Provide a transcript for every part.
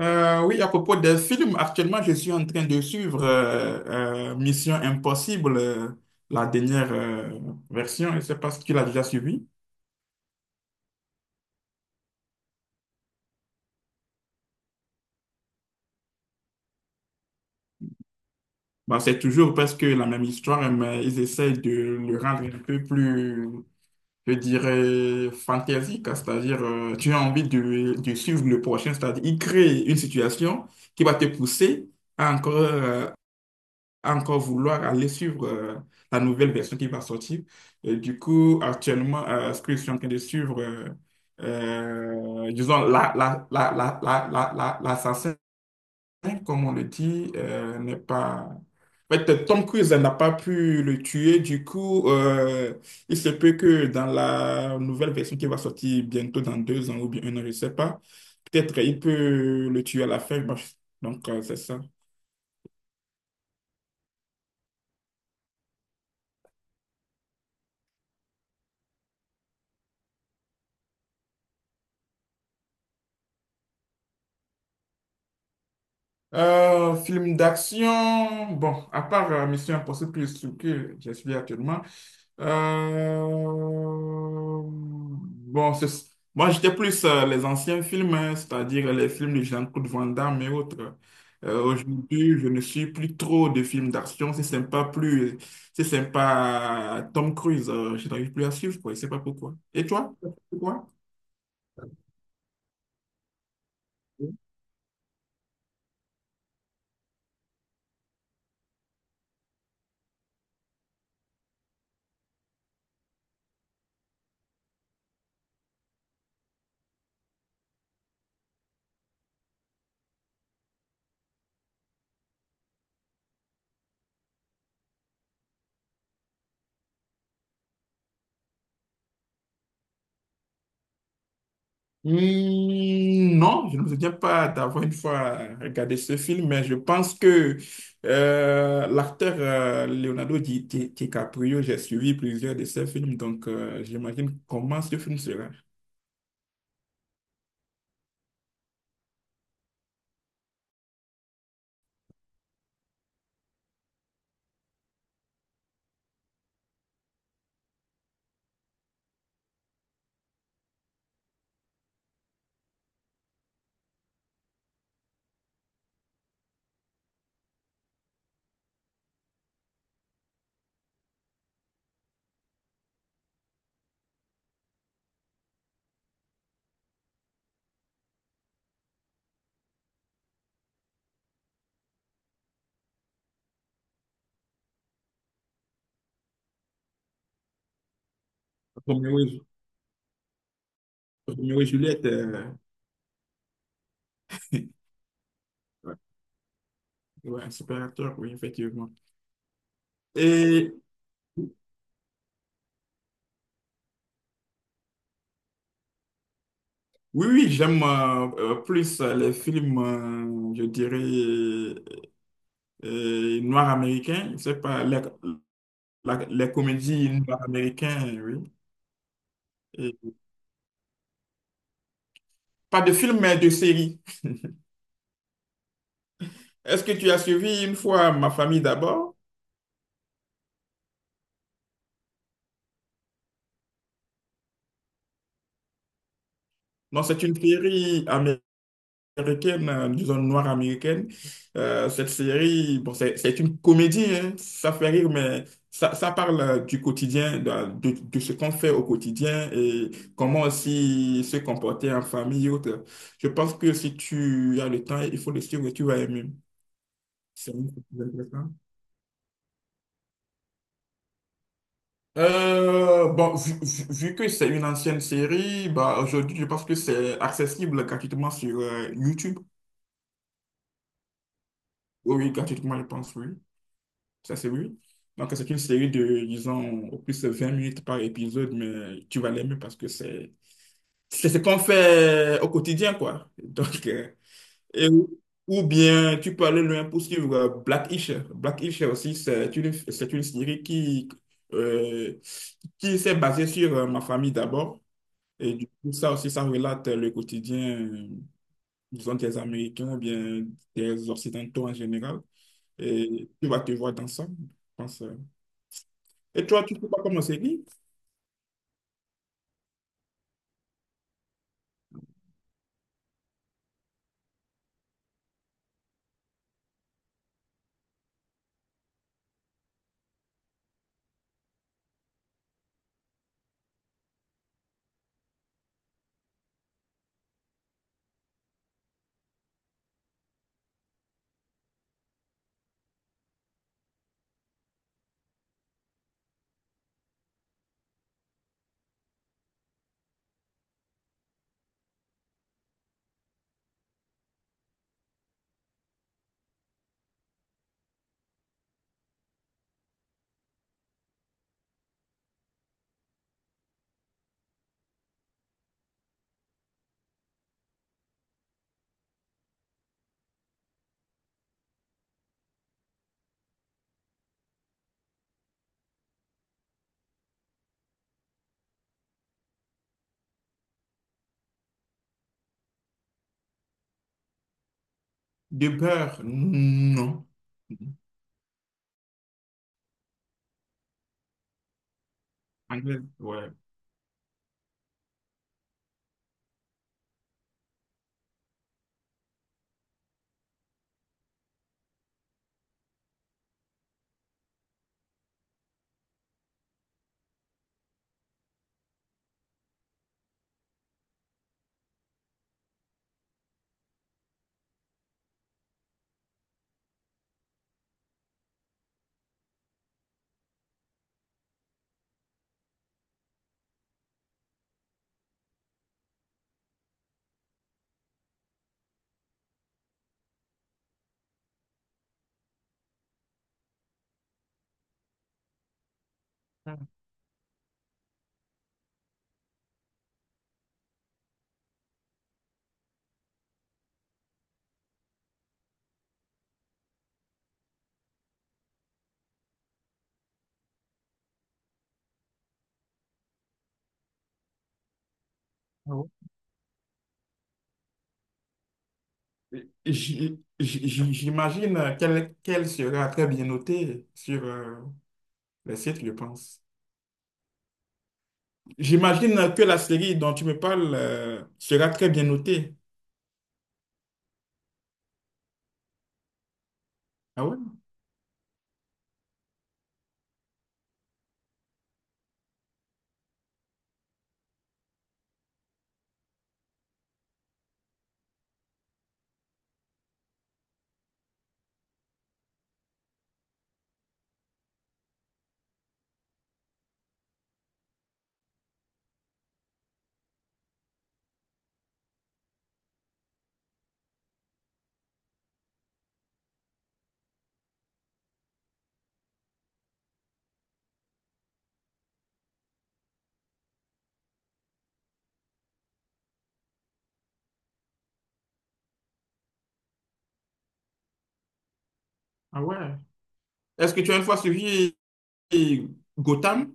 Oui, à propos des films, actuellement, je suis en train de suivre Mission Impossible, la dernière version. Je ne sais pas si tu l'as déjà suivi. Bon, c'est toujours presque la même histoire, mais ils essayent de le rendre un peu plus, je dirais, fantaisique. C'est-à-dire, tu as envie de suivre le prochain. C'est-à-dire, ils créent une situation qui va te pousser à encore encore vouloir aller suivre la nouvelle version qui va sortir. Et du coup, actuellement, ce que je suis en train de suivre, disons, la, la, comme on le dit, n'est pas... En fait, Tom Cruise n'a pas pu le tuer, du coup, il se peut que dans la nouvelle version qui va sortir bientôt dans deux ans ou bien un an, je ne sais pas, peut-être il peut le tuer à la fin. Donc, c'est ça. Film d'action, bon, à part Mission Impossible plus ce que j'ai suivi actuellement, bon, moi j'étais plus les anciens films, hein, c'est-à-dire les films de Jean-Claude Van Damme et autres. Aujourd'hui, je ne suis plus trop de films d'action, c'est sympa plus, c'est sympa Tom Cruise, je n'arrive plus à suivre, quoi, je sais pas pourquoi. Et toi? Pourquoi? Hmm, non, je ne me souviens pas d'avoir une fois regardé ce film, mais je pense que l'acteur Leonardo DiCaprio, j'ai suivi plusieurs de ses films, donc j'imagine comment ce film sera. Roméo et, Ju- Roméo et Juliette, ouais, ouais, un super acteur, oui, effectivement. Et oui, j'aime plus les films, je dirais, noirs américains, je sais pas, les comédies noires américaines, oui. Et Pas de film, mais de série. Est-ce que tu as suivi une fois Ma famille d'abord? Non, c'est une série américaine, disons noire américaine. Cette série, bon, c'est une comédie, hein. Ça fait rire, mais ça parle du quotidien, de ce qu'on fait au quotidien et comment aussi se comporter en famille et autres. Je pense que si tu as le temps, il faut le suivre, tu vas aimer. C'est intéressant. Bon, vu que c'est une ancienne série, bah, aujourd'hui, je pense que c'est accessible gratuitement sur YouTube. Oui, oui, gratuitement, je pense, oui. Ça, c'est oui. Donc, c'est une série de, disons, au plus de 20 minutes par épisode, mais tu vas l'aimer parce que c'est ce qu'on fait au quotidien, quoi. Donc, et ou ou bien, tu peux aller loin pour suivre Black-ish. Black-ish aussi, c'est une série euh, qui s'est basée sur ma famille d'abord. Et du coup, ça aussi, ça relate le quotidien, disons, des Américains ou bien des Occidentaux en général. Et tu vas te voir dans ça, je pense. Et toi, tu ne peux pas commencer lire? De beurre, non. Anglais, ouais. Ah ouais. J- j- J'imagine qu'elle sera très bien notée sur le site, je pense. J'imagine que la série dont tu me parles sera très bien notée. Ah ouais? Ah ouais. Est-ce que tu as une fois suivi euh, Gotham?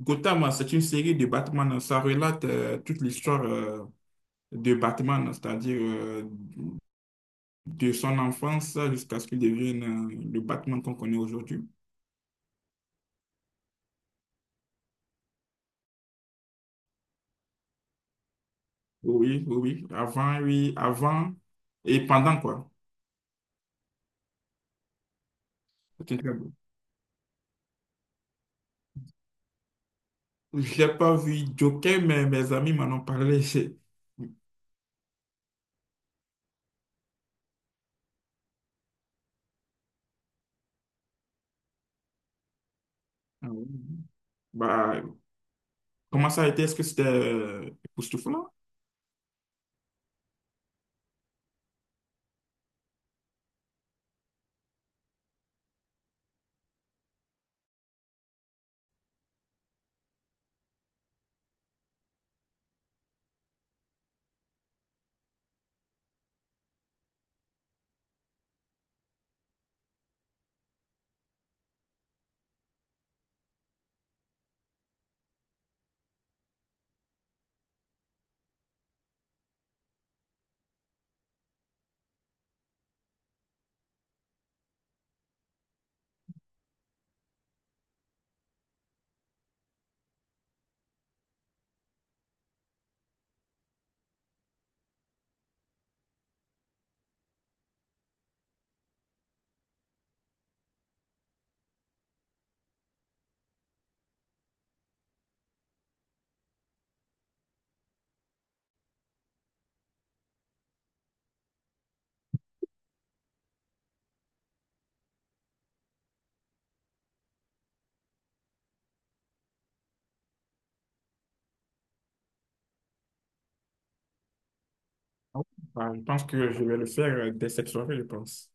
Gotham, hein, c'est une série de Batman. Ça relate toute l'histoire de Batman, c'est-à-dire de son enfance jusqu'à ce qu'il devienne le Batman qu'on connaît aujourd'hui. Oui, oui, oui. Avant, oui, avant et pendant, quoi. C'est une très bonne. J'ai pas vu Joker, mais mes amis m'en ont parlé. Ah ouais. Bah, comment ça a été? Est-ce que c'était époustouflant? Ah oui. Bah, je pense que je vais le faire dès cette soirée, je pense.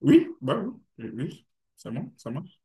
Oui, bah oui, oui, oui, c'est bon, ça marche.